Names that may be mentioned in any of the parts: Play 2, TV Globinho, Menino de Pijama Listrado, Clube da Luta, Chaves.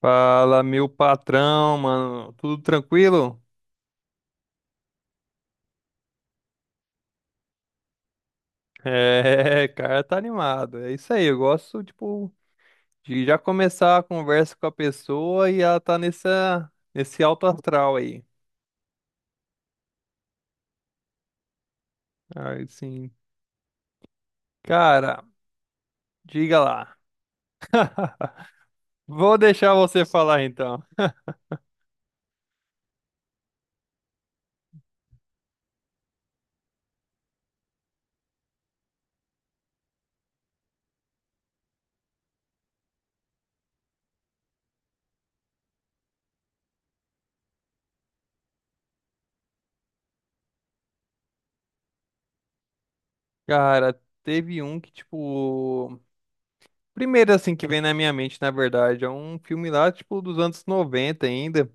Fala, meu patrão, mano. Tudo tranquilo? É, cara, tá animado. É isso aí. Eu gosto, tipo, de já começar a conversa com a pessoa e ela tá nesse alto astral aí. Aí, sim. Cara, diga lá. Vou deixar você falar então. Cara, teve um que, tipo, primeiro, assim, que vem na minha mente, na verdade, é um filme lá, tipo, dos anos 90 ainda.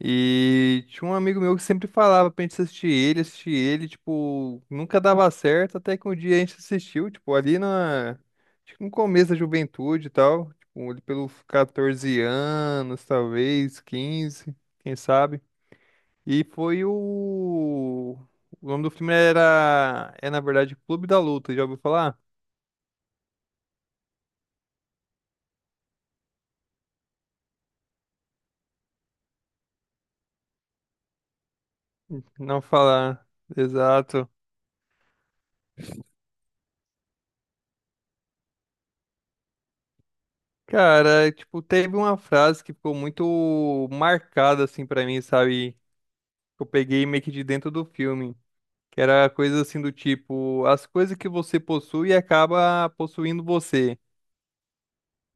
E tinha um amigo meu que sempre falava pra gente assistir ele, tipo, nunca dava certo, até que um dia a gente assistiu, tipo, acho que no começo da juventude e tal, tipo, ali pelos 14 anos, talvez, 15 quem sabe. E foi o... O nome do filme era, é na verdade, Clube da Luta, já ouviu falar? Não falar, exato. Cara, tipo, teve uma frase que ficou muito marcada, assim, pra mim, sabe? Eu peguei meio que de dentro do filme. Que era coisa assim do tipo, as coisas que você possui acaba possuindo você.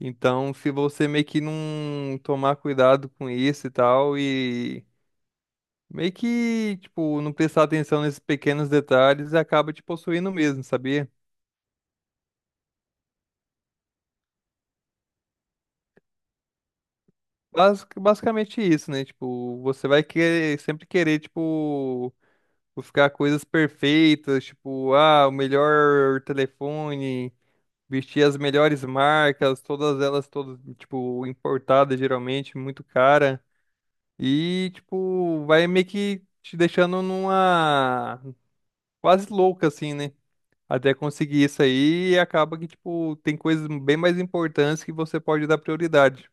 Então, se você meio que não tomar cuidado com isso e tal, e meio que, tipo, não prestar atenção nesses pequenos detalhes, acaba te possuindo mesmo, sabia? Basicamente isso, né? Tipo, você vai querer, sempre querer, tipo, buscar coisas perfeitas, tipo, ah, o melhor telefone, vestir as melhores marcas, todas elas, todas, tipo, importadas geralmente, muito cara. E, tipo, vai meio que te deixando numa quase louca, assim, né? Até conseguir isso aí, e acaba que, tipo, tem coisas bem mais importantes que você pode dar prioridade.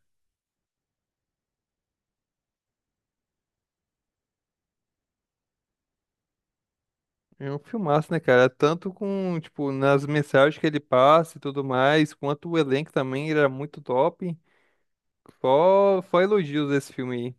É um filmaço, né, cara? Tanto com, tipo, nas mensagens que ele passa e tudo mais, quanto o elenco também era muito top. Só elogios desse filme aí.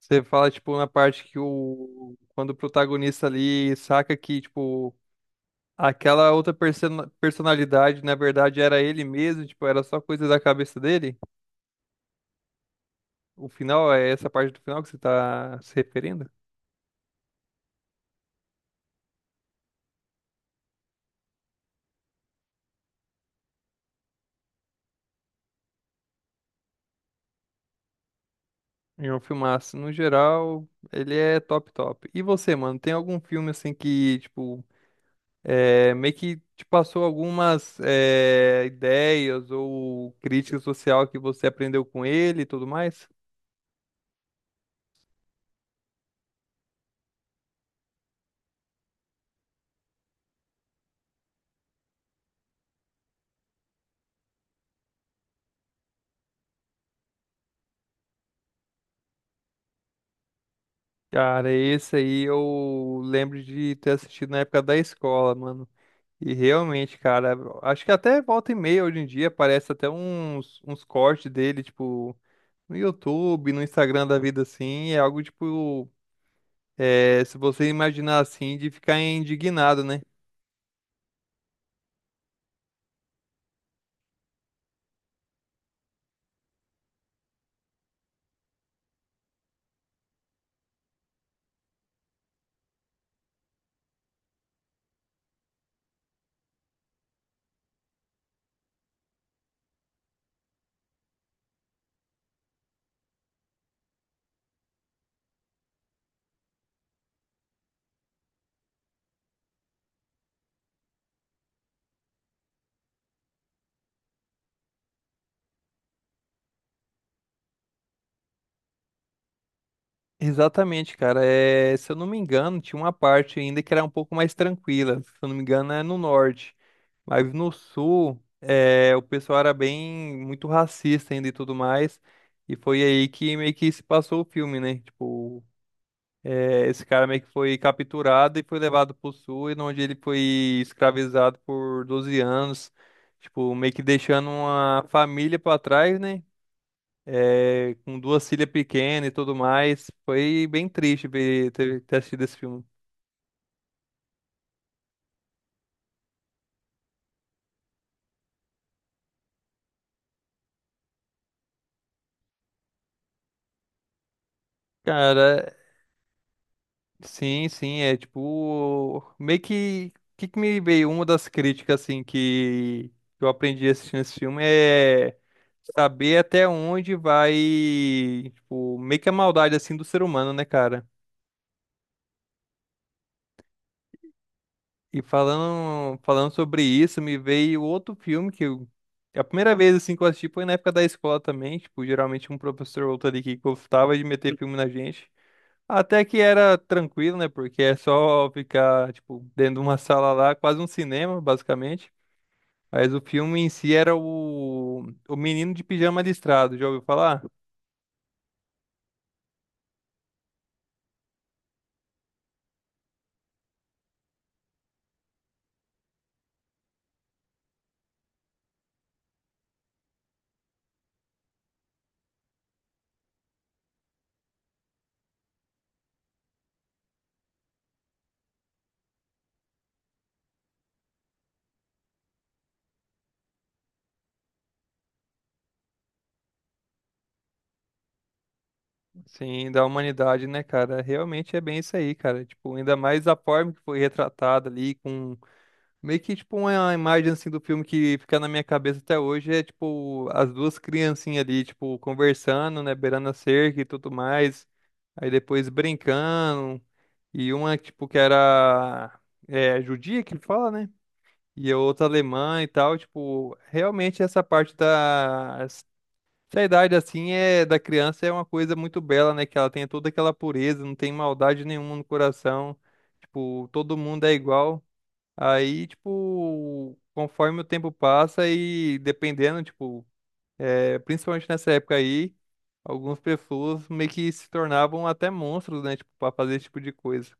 Você fala, tipo, na parte Quando o protagonista ali saca que, tipo, aquela outra personalidade, na verdade, era ele mesmo, tipo, era só coisa da cabeça dele. O final, é essa parte do final que você tá se referindo? É um filmaço. No geral, ele é top, top. E você, mano, tem algum filme, assim, que, tipo, meio que te passou algumas ideias ou crítica social que você aprendeu com ele e tudo mais? Cara, esse aí eu lembro de ter assistido na época da escola, mano. E realmente, cara, acho que até volta e meia hoje em dia aparece até uns cortes dele, tipo, no YouTube, no Instagram da vida assim. É algo tipo, se você imaginar assim, de ficar indignado, né? Exatamente, cara. É, se eu não me engano, tinha uma parte ainda que era um pouco mais tranquila. Se eu não me engano, é no norte. Mas no sul, o pessoal era bem muito racista ainda e tudo mais. E foi aí que meio que se passou o filme, né? Tipo, esse cara meio que foi capturado e foi levado pro sul, e onde ele foi escravizado por 12 anos. Tipo, meio que deixando uma família pra trás, né? Com duas filhas pequenas e tudo mais. Foi bem triste ver, ter assistido esse filme. Cara, sim, sim, é tipo. Meio que. Que me veio? Uma das críticas, assim, que eu aprendi assistindo esse filme é saber até onde vai, tipo, meio que a maldade, assim, do ser humano, né, cara? E falando sobre isso, me veio outro filme que eu, a primeira vez assim que eu assisti foi na época da escola também, tipo, geralmente um professor ou outro ali que gostava de meter filme na gente. Até que era tranquilo, né? Porque é só ficar, tipo, dentro de uma sala lá, quase um cinema, basicamente. Mas o filme em si era o Menino de Pijama Listrado, já ouviu falar? Sim, da humanidade, né, cara? Realmente é bem isso aí, cara. Tipo, ainda mais a forma que foi retratada ali com Meio que, tipo, uma imagem, assim, do filme que fica na minha cabeça até hoje é, tipo, as duas criancinhas ali, tipo, conversando, né, beirando a cerca e tudo mais. Aí depois brincando. E uma, tipo, que era judia que fala, né? E a outra alemã e tal. Tipo, realmente essa Essa idade, assim, é da criança é uma coisa muito bela, né? Que ela tem toda aquela pureza, não tem maldade nenhuma no coração. Tipo, todo mundo é igual. Aí, tipo, conforme o tempo passa e dependendo, tipo, principalmente nessa época aí, algumas pessoas meio que se tornavam até monstros, né, tipo, pra fazer esse tipo de coisa.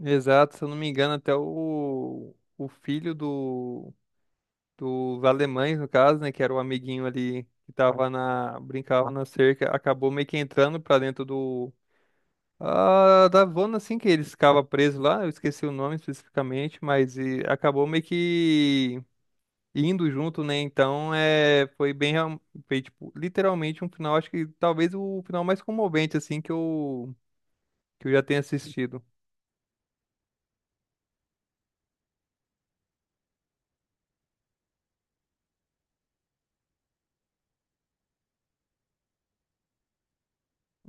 Exato, se eu não me engano, até o filho do, dos alemães, no caso, né, que era o amiguinho ali que brincava na cerca, acabou meio que entrando pra dentro da zona, assim, que eles ficavam presos lá, eu esqueci o nome especificamente, mas acabou meio que indo junto, né? Então, foi bem, foi, tipo, literalmente um final, acho que talvez o final mais comovente, assim, que eu já tenha assistido.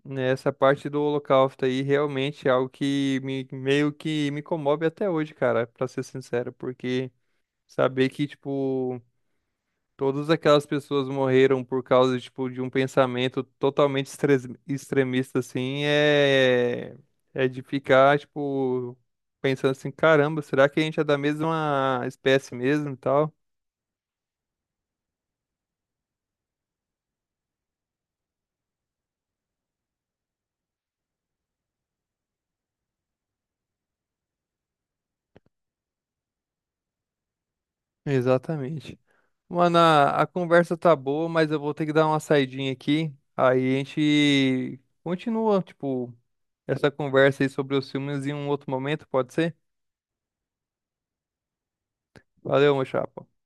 Né? Essa parte do Holocausto aí realmente é algo que meio que me comove até hoje, cara, pra ser sincero, porque saber que, tipo, todas aquelas pessoas morreram por causa, tipo, de um pensamento totalmente extremista, assim. É de ficar, tipo, pensando assim, caramba, será que a gente é da mesma espécie mesmo e tal? Exatamente. Mano, a conversa tá boa, mas eu vou ter que dar uma saidinha aqui. Aí a gente continua, tipo, essa conversa aí sobre os filmes em um outro momento, pode ser? Valeu, meu chapa.